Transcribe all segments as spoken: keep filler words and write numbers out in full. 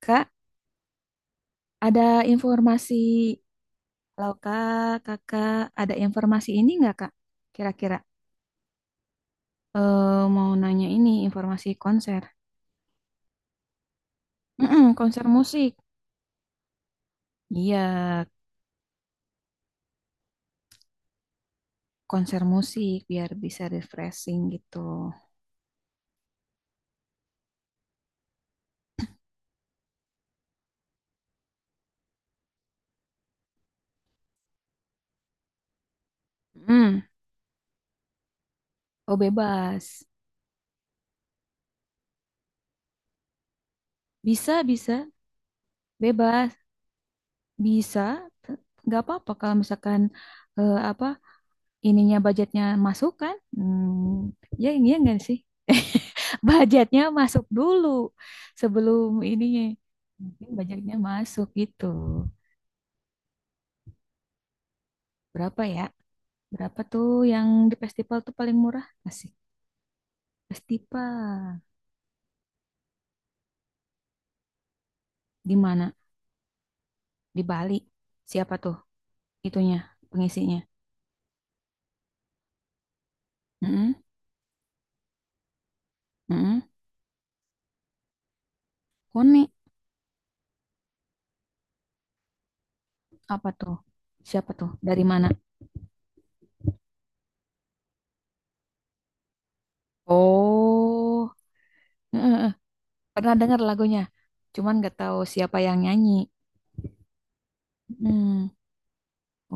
Kak, ada informasi, kalau kak, kakak ada informasi ini nggak kak? Kira-kira eh, mau nanya ini informasi konser. Mm-mm, konser musik. Iya, konser musik biar bisa refreshing gitu. Mm, oh bebas. Bisa, bisa, bebas, bisa. Nggak apa-apa kalau misalkan eh, apa ininya budgetnya masuk kan? Hmm, ya ini ya enggak sih? Budgetnya masuk dulu sebelum ininya. Mungkin budgetnya masuk gitu. Berapa ya? Berapa tuh yang di festival tuh paling murah? Asik. Festival. Di mana? Di Bali. Siapa tuh itunya, pengisinya? Mm-mm. Mm-mm. Koni. Apa tuh? Siapa tuh? Dari mana? Oh, eh, eh, eh. Pernah dengar lagunya. Cuman gak tahu siapa yang nyanyi. Hmm.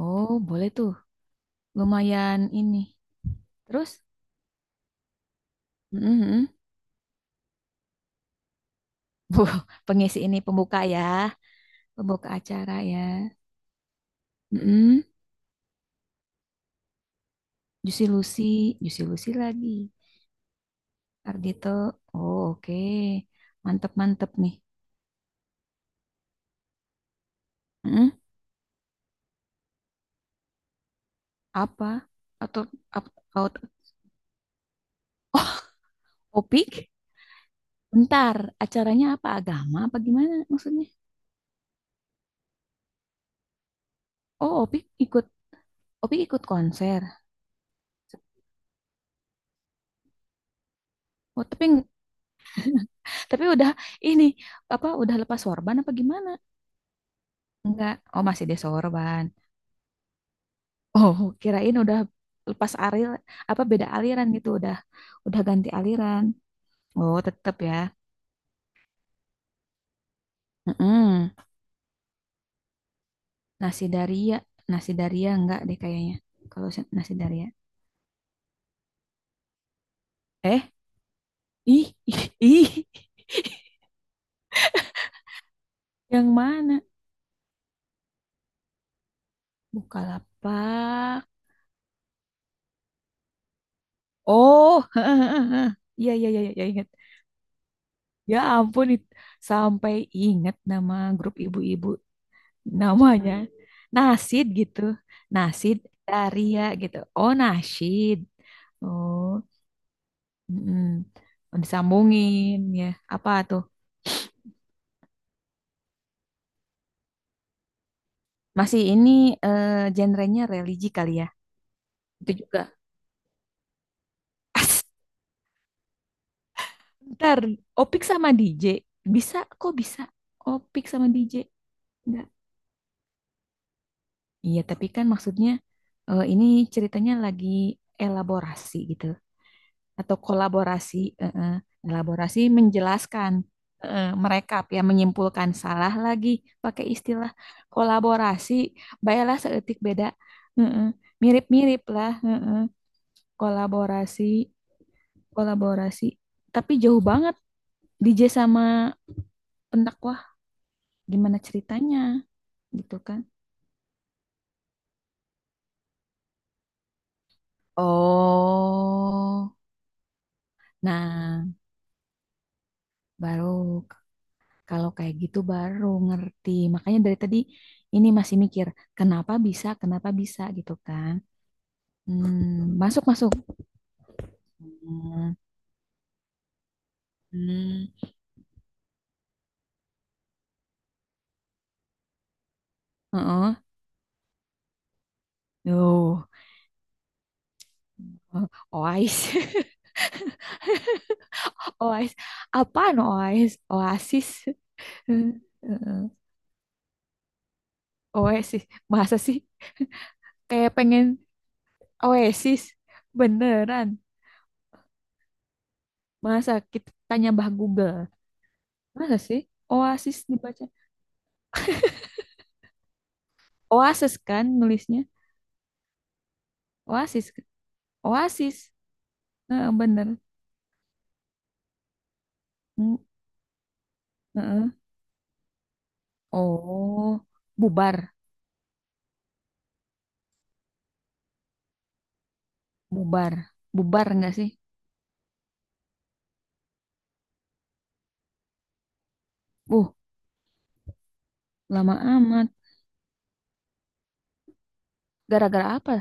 Oh, boleh tuh. Lumayan ini. Terus? Mm-mm, mm. Buh, pengisi ini pembuka ya. Pembuka acara ya. Mm-mm. Juicy Lucy. Juicy Lucy lagi. Ardito. Oh, oke. Mantep-mantep nih. Mm-mm. Apa? Atau ap- out- Oh, Opik? Bentar. Acaranya apa? Agama apa gimana maksudnya? Oh, Opik ikut. Opik ikut konser. Oh, tapi tapi udah ini apa udah lepas sorban apa gimana? Enggak. Oh, masih desorban. Oh, kirain udah lepas alir apa beda aliran gitu, udah udah ganti aliran. Oh, tetep ya. Mm-mm. Nasi Daria, nasi Daria enggak deh kayaknya. Kalau se- nasi Daria. Eh, ih, ih, ih. Yang mana? Bukalapak. Oh, iya iya iya iya ingat. Ya ampun, it- sampai ingat nama grup ibu-ibu namanya nasid gitu, nasid Daria gitu, oh nasid, oh mm, disambungin ya, apa tuh? Masih ini eh, genrenya religi kali ya. Itu juga. As, ntar Opik sama D J bisa kok, bisa Opik sama D J enggak, iya tapi kan maksudnya eh, ini ceritanya lagi elaborasi gitu, atau kolaborasi eh, eh, elaborasi menjelaskan eh, mereka ya, menyimpulkan salah lagi pakai istilah kolaborasi, baiklah seetik beda eh, eh, mirip-mirip lah, eh, eh, kolaborasi, kolaborasi tapi jauh banget D J sama pendakwah gimana ceritanya gitu kan. Oh, nah baru kalau kayak gitu baru ngerti. Makanya dari tadi ini masih mikir, kenapa bisa, kenapa bisa gitu kan. Hmm, masuk, masuk. Hmm, hmm, heeh. Tuh. Oais. Oais. Apaan Oais? Oasis. Hmm, heeh. Oasis. Masa sih, kayak pengen Oasis? Beneran. Masa kita tanya Mbah Google? Masa sih? Oasis dibaca. Oasis kan nulisnya? Oasis. Oasis. Heeh, bener. Mm, heeh. Oh, bubar, bubar, bubar nggak sih? Uh, lama amat. Gara-gara apa?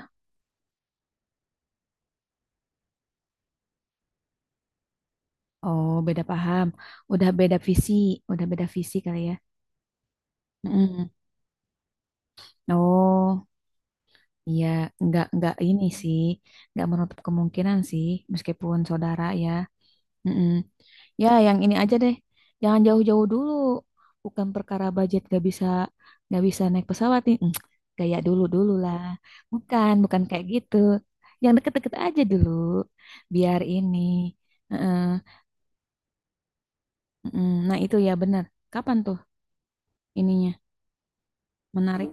Oh, beda paham. Udah beda visi, udah beda visi kali ya. Mm. Oh, iya, nggak nggak ini sih, nggak menutup kemungkinan sih, meskipun saudara ya. Mm-mm. Ya, yang ini aja deh. Jangan jauh-jauh dulu. Bukan perkara budget, gak bisa gak bisa naik pesawat nih. Mm, gaya dulu dulu lah. Bukan, bukan kayak gitu. Yang deket-deket aja dulu. Biar ini. Heeh, mm-mm. Nah, itu ya benar. Kapan tuh ininya? Menarik.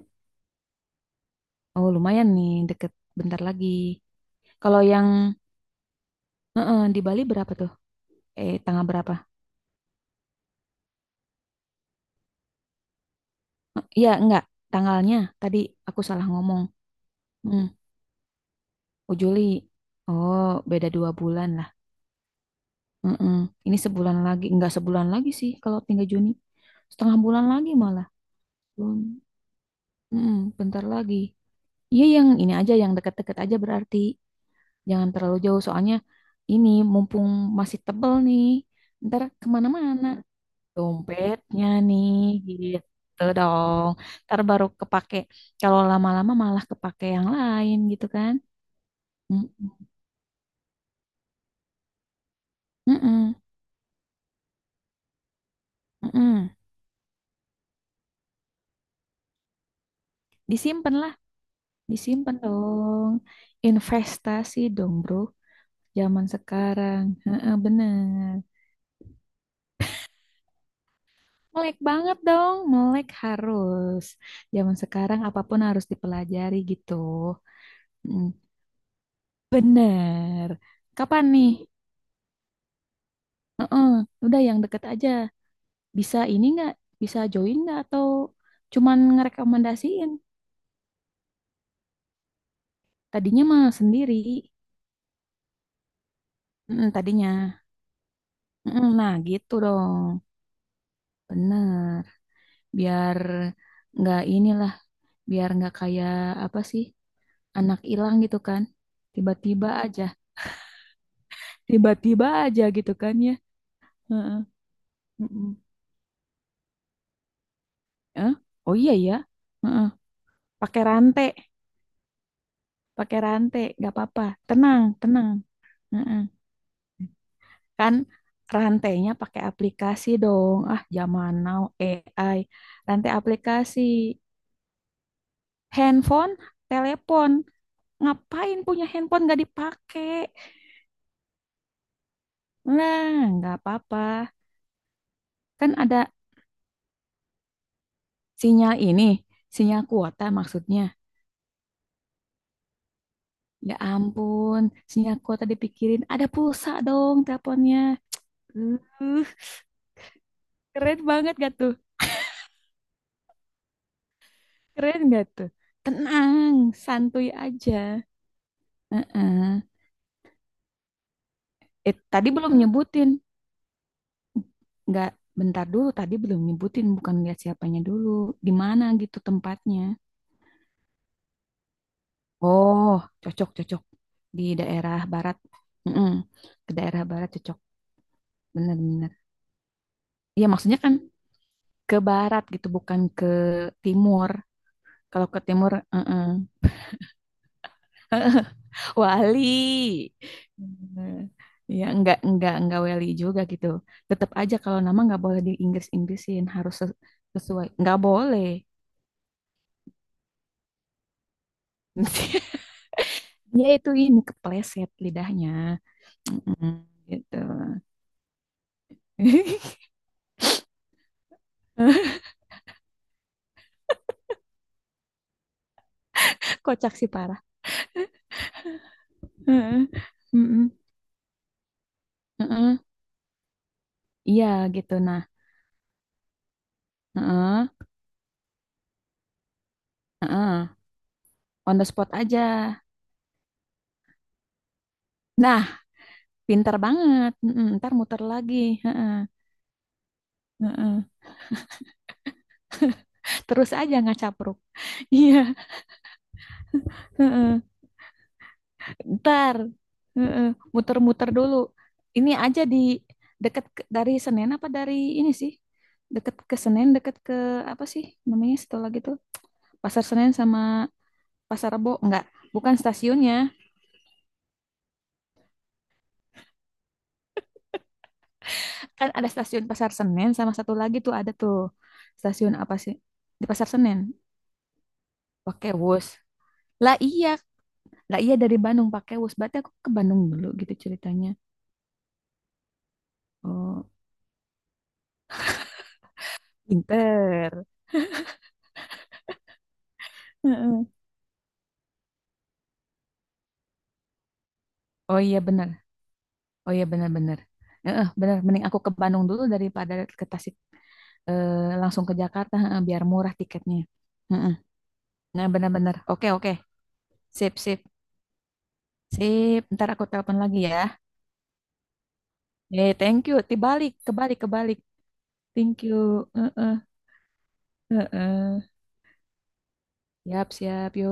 Oh, lumayan nih deket, bentar lagi. Kalau yang heeh, di Bali berapa tuh? Eh, tanggal berapa? Eh, iya, enggak. Tanggalnya tadi aku salah ngomong. Mm. Oh Juli, oh beda dua bulan lah. Mm-mm. Ini sebulan lagi, nggak sebulan lagi sih kalau tiga Juni. Setengah bulan lagi malah. Belum, mm-mm, bentar lagi. Iya yang ini aja, yang deket-deket aja berarti. Jangan terlalu jauh soalnya ini mumpung masih tebel nih. Ntar kemana-mana. Dompetnya nih, gitu dong. Ntar baru kepake. Kalau lama-lama malah kepake yang lain gitu kan. Mm-mm. Mm-mm. Mm-mm. Disimpan. Disimpan dong. Investasi dong, bro. Zaman sekarang. Heeh, bener. Melek banget dong. Melek harus. Zaman sekarang apapun harus dipelajari gitu. Mm, bener. Kapan nih? Heeh, udah yang deket aja. Bisa ini nggak? Bisa join nggak? Atau cuman ngerekomendasiin? Tadinya mah sendiri. Mm, tadinya. Mm, nah, gitu dong. Bener. Biar nggak inilah, biar nggak kayak apa sih, anak hilang gitu kan, tiba-tiba aja tiba-tiba aja gitu kan ya. Heeh, mm-mm. Eh, oh iya ya. Heeh, pakai rantai, pakai rantai nggak apa-apa, tenang tenang. Heeh. Kan rantainya pakai aplikasi dong, ah zaman now A I, rantai aplikasi handphone telepon, ngapain punya handphone nggak dipakai. Nah, nggak apa-apa, kan ada sinyal ini, sinyal kuota maksudnya. Ya ampun, sinyal kuota dipikirin. Ada pulsa dong teleponnya. Uh, keren banget gak tuh? Keren gak tuh? Tenang, santuy aja. Heeh. Eh, tadi belum nyebutin. Nggak, bentar dulu. Tadi belum nyebutin. Bukan lihat siapanya dulu. Di mana gitu tempatnya. Oh, cocok-cocok. Di daerah barat. Mm-mm. Ke daerah barat cocok. Bener-bener. Iya, maksudnya kan ke barat gitu, bukan ke timur. Kalau ke timur, eh-eh. Wali. Eh, ya enggak enggak enggak wali juga gitu. Tetap aja kalau nama enggak boleh di Inggris-Inggrisin, harus ses- sesuai. Enggak boleh. Dia itu ini kepleset lidahnya. Mm-mm, gitu. Kocak sih parah. Heeh. Mm-mm. Heeh. Iya gitu nah. Heeh. Heeh. On the spot aja. Nah, pinter banget. Mm-mm, ntar muter lagi. Heeh, heeh. Terus aja nggak capruk. Iya, heeh. Ntar heeh, muter-muter dulu. Ini aja di deket ke- dari Senen apa dari ini sih? Deket ke Senen, deket ke apa sih namanya setelah gitu? Pasar Senen sama Pasar Rebo enggak? Bukan stasiunnya. Kan ada stasiun Pasar Senen sama satu lagi tuh ada tuh. Stasiun apa sih? Di Pasar Senen. Pakai bus. Lah iya, Lah iya dari Bandung pakai bus. Berarti aku ke Bandung dulu gitu ceritanya. Oh, pinter. Heeh. Oh iya benar. Oh iya benar-benar. Heeh, benar. Mending aku ke Bandung dulu daripada ke Tasik eh, langsung ke Jakarta, heeh, biar murah tiketnya. Heeh. Nah benar-benar. Oke oke. Sip sip sip. Ntar aku telepon lagi ya. Eh thank you. Dibalik kebalik kebalik. Thank you. Heeh, heeh. Siap siap yo